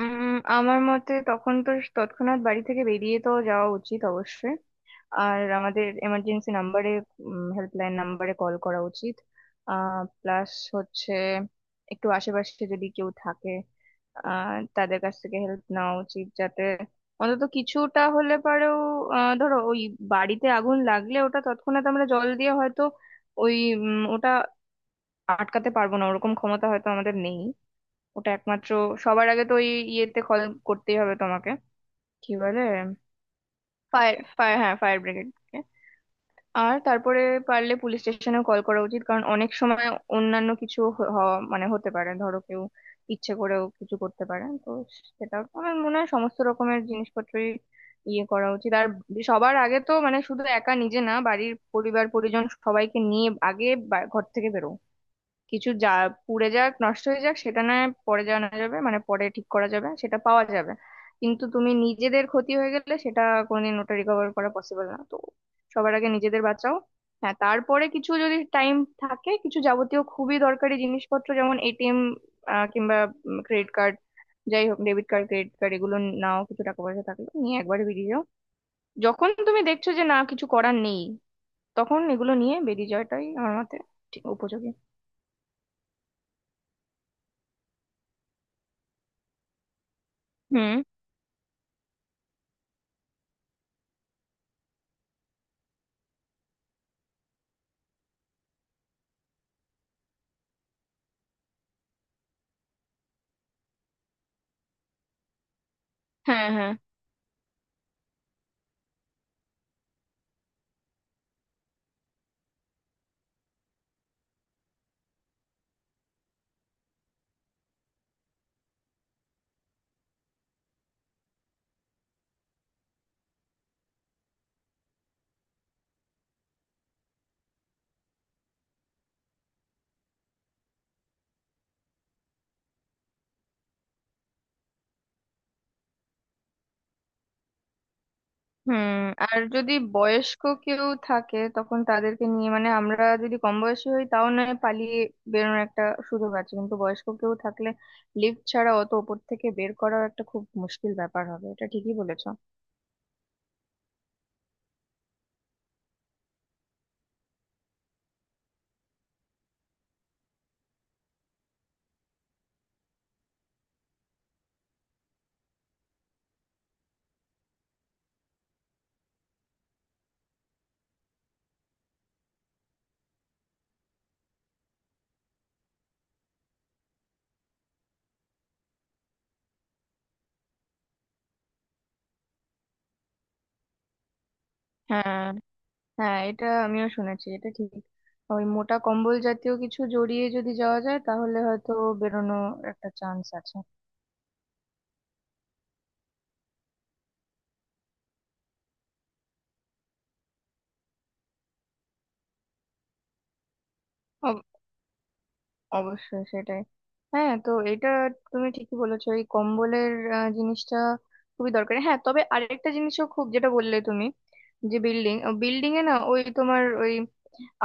উম আমার মতে তখন তো তৎক্ষণাৎ বাড়ি থেকে বেরিয়ে তো যাওয়া উচিত অবশ্যই। আর আমাদের এমার্জেন্সি নাম্বারে হেল্পলাইন নাম্বারে কল করা উচিত। প্লাস হচ্ছে একটু আশেপাশে যদি কেউ থাকে তাদের কাছ থেকে হেল্প নেওয়া উচিত, যাতে অন্তত কিছুটা হলে পারেও। ধরো ওই বাড়িতে আগুন লাগলে ওটা তৎক্ষণাৎ আমরা জল দিয়ে হয়তো ওই ওটা আটকাতে পারবো না, ওরকম ক্ষমতা হয়তো আমাদের নেই। ওটা একমাত্র সবার আগে তো ওই ইয়েতে কল করতেই হবে তোমাকে, কি বলে, ফায়ার ফায়ার হ্যাঁ ফায়ার ব্রিগেড। আর তারপরে পারলে পুলিশ স্টেশনে কল করা উচিত, কারণ অনেক সময় অন্যান্য কিছু হওয়া মানে হতে পারে ধরো কেউ ইচ্ছে করেও কিছু করতে পারে তো। সেটা আমার মনে হয় সমস্ত রকমের জিনিসপত্রই ইয়ে করা উচিত। আর সবার আগে তো মানে শুধু একা নিজে না, বাড়ির পরিবার পরিজন সবাইকে নিয়ে আগে ঘর থেকে বেরো। কিছু যা পুড়ে যাক নষ্ট হয়ে যাক সেটা না হয় পরে জানা যাবে, মানে পরে ঠিক করা যাবে, সেটা পাওয়া যাবে। কিন্তু তুমি নিজেদের ক্ষতি হয়ে গেলে সেটা কোনোদিন ওটা রিকভার করা পসিবল না তো। সবার আগে নিজেদের বাঁচাও। হ্যাঁ, তারপরে কিছু যদি টাইম থাকে, কিছু যাবতীয় খুবই দরকারি জিনিসপত্র যেমন এটিএম কিংবা ক্রেডিট কার্ড, যাই হোক ডেবিট কার্ড ক্রেডিট কার্ড এগুলো নাও, কিছু টাকা পয়সা থাকলে নিয়ে একবারে বেরিয়ে যাও। যখন তুমি দেখছো যে না কিছু করার নেই, তখন এগুলো নিয়ে বেরিয়ে যাওয়াটাই আমার মতে ঠিক উপযোগী। হুম। হ্যাঁ হ্যাঁ। হুম। আর যদি বয়স্ক কেউ থাকে তখন তাদেরকে নিয়ে মানে আমরা যদি কম বয়সী হই তাও নয় পালিয়ে বেরোনোর একটা সুযোগ আছে, কিন্তু বয়স্ক কেউ থাকলে লিফট ছাড়া অত ওপর থেকে বের করাও একটা খুব মুশকিল ব্যাপার হবে, এটা ঠিকই বলেছো। হ্যাঁ। হ্যাঁ এটা আমিও শুনেছি, এটা ঠিক। ওই মোটা কম্বল জাতীয় কিছু জড়িয়ে যদি যাওয়া যায় তাহলে হয়তো বেরোনো একটা চান্স আছে। অবশ্যই সেটাই। হ্যাঁ তো এটা তুমি ঠিকই বলেছো, এই কম্বলের জিনিসটা খুবই দরকারি। হ্যাঁ তবে আরেকটা জিনিসও খুব যেটা বললে তুমি, যে বিল্ডিং বিল্ডিং এ না ওই তোমার ওই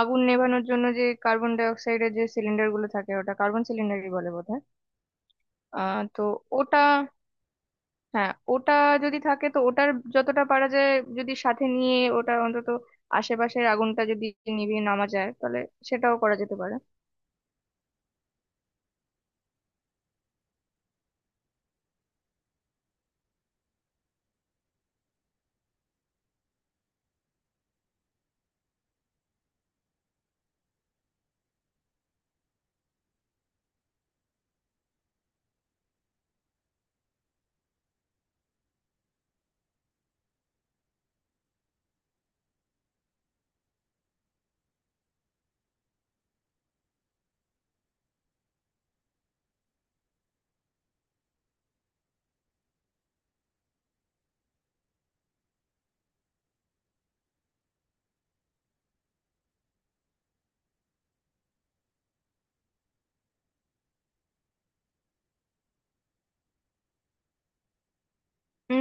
আগুন নেভানোর জন্য যে কার্বন ডাই অক্সাইডের যে সিলিন্ডার গুলো থাকে, ওটা কার্বন সিলিন্ডারই বলে বোধহয়। তো ওটা, হ্যাঁ ওটা যদি থাকে তো ওটার যতটা পারা যায় যদি সাথে নিয়ে ওটা অন্তত আশেপাশের আগুনটা যদি নিভিয়ে নামা যায় তাহলে সেটাও করা যেতে পারে।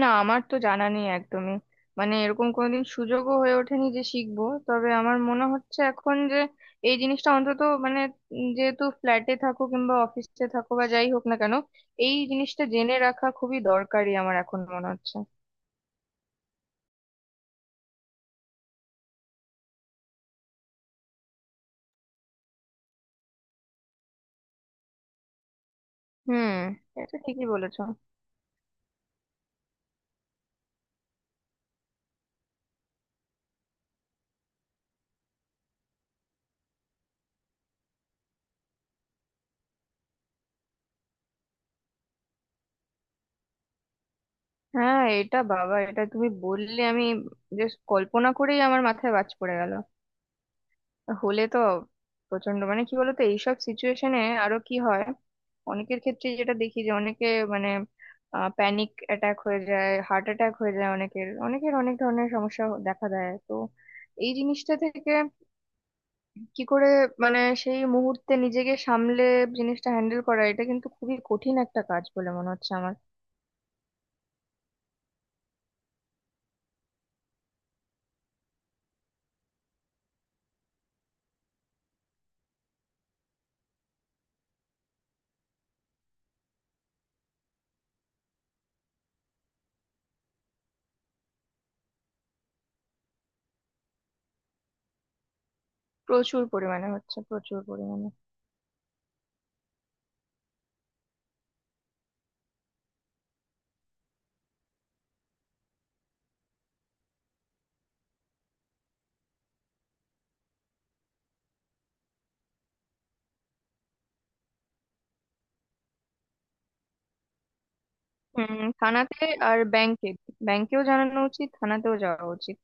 না, আমার তো জানা নেই একদমই, মানে এরকম কোনোদিন সুযোগও হয়ে ওঠেনি যে শিখবো। তবে আমার মনে হচ্ছে এখন যে এই জিনিসটা অন্তত মানে যেহেতু ফ্ল্যাটে থাকো কিংবা অফিসে থাকো বা যাই হোক না কেন, এই জিনিসটা জেনে রাখা খুবই দরকারি আমার এখন মনে হচ্ছে। হুম। এটা ঠিকই বলেছো। হ্যাঁ এটা বাবা, এটা তুমি বললে আমি জাস্ট কল্পনা করেই আমার মাথায় বাজ পড়ে গেল। হলে তো প্রচন্ড মানে কি বলতো, এইসব সিচুয়েশনে আরো কি হয়, অনেকের ক্ষেত্রে যেটা দেখি যে অনেকে মানে প্যানিক অ্যাটাক হয়ে যায়, হার্ট অ্যাটাক হয়ে যায়, অনেকের অনেকের অনেক ধরনের সমস্যা দেখা দেয় তো এই জিনিসটা থেকে। কি করে মানে সেই মুহূর্তে নিজেকে সামলে জিনিসটা হ্যান্ডেল করা, এটা কিন্তু খুবই কঠিন একটা কাজ বলে মনে হচ্ছে আমার। প্রচুর পরিমাণে হচ্ছে, প্রচুর পরিমাণে। হুম, থানাতে আর ব্যাংকে, ব্যাংকেও জানানো উচিত থানাতেও যাওয়া উচিত।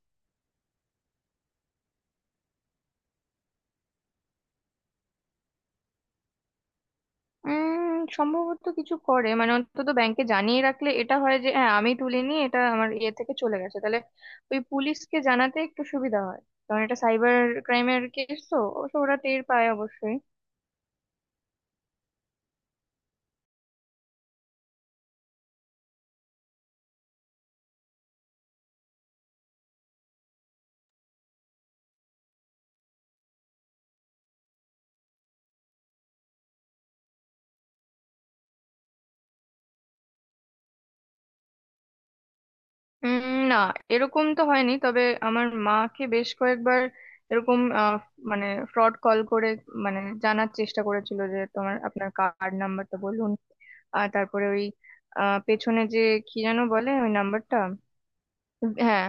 সম্ভবত কিছু করে, মানে অন্তত ব্যাংকে জানিয়ে রাখলে এটা হয় যে হ্যাঁ আমি তুলিনি, এটা আমার ইয়ে থেকে চলে গেছে, তাহলে ওই পুলিশকে জানাতে একটু সুবিধা হয়, কারণ এটা সাইবার ক্রাইমের কেস তো অবশ্য ওরা টের পায় অবশ্যই। না, এরকম তো হয়নি। তবে আমার মাকে বেশ কয়েকবার এরকম মানে ফ্রড কল করে মানে জানার চেষ্টা করেছিল যে তোমার আপনার কার্ড নাম্বারটা বলুন। আর তারপরে ওই পেছনে যে কি যেন বলে ওই নাম্বারটা। হ্যাঁ,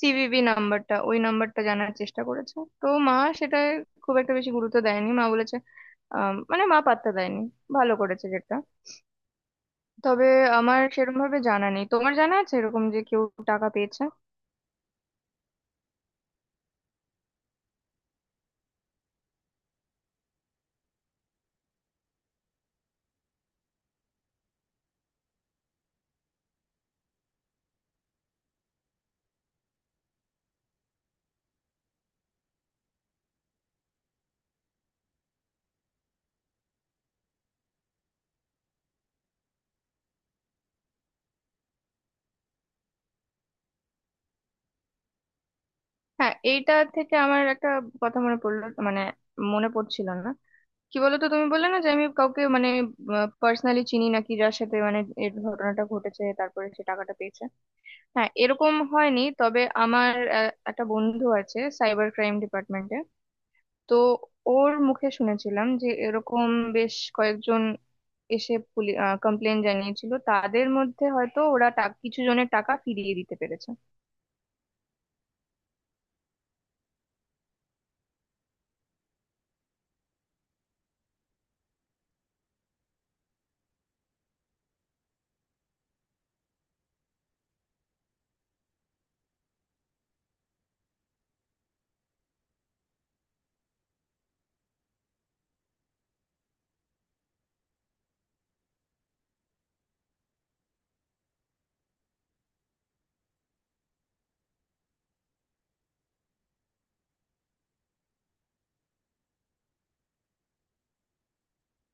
সিভিভি নাম্বারটা, ওই নাম্বারটা জানার চেষ্টা করেছে। তো মা সেটা খুব একটা বেশি গুরুত্ব দেয়নি, মা বলেছে, মানে মা পাত্তা দেয়নি, ভালো করেছে যেটা। তবে আমার সেরকম ভাবে জানা নেই, তোমার জানা আছে এরকম যে কেউ টাকা পেয়েছে? হ্যাঁ, এইটা থেকে আমার একটা কথা মনে পড়লো, মানে মনে পড়ছিল না। কি বলতো, তুমি বললে না যে আমি কাউকে মানে পার্সোনালি চিনি নাকি যার সাথে মানে এই ঘটনাটা ঘটেছে তারপরে সে টাকাটা পেয়েছে। হ্যাঁ এরকম হয়নি, তবে আমার একটা বন্ধু আছে সাইবার ক্রাইম ডিপার্টমেন্টে, তো ওর মুখে শুনেছিলাম যে এরকম বেশ কয়েকজন এসে কমপ্লেন জানিয়েছিল, তাদের মধ্যে হয়তো ওরা কিছু জনের টাকা ফিরিয়ে দিতে পেরেছে।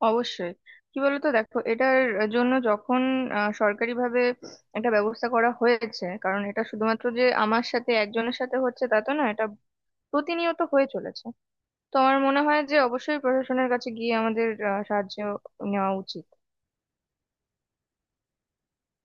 অবশ্যই। কি বলতো দেখো, এটার জন্য যখন সরকারিভাবে একটা ব্যবস্থা করা হয়েছে, কারণ এটা শুধুমাত্র যে আমার সাথে একজনের সাথে হচ্ছে তা তো না, এটা প্রতিনিয়ত হয়ে চলেছে। তো আমার মনে হয় যে অবশ্যই প্রশাসনের কাছে গিয়ে আমাদের সাহায্য নেওয়া উচিত।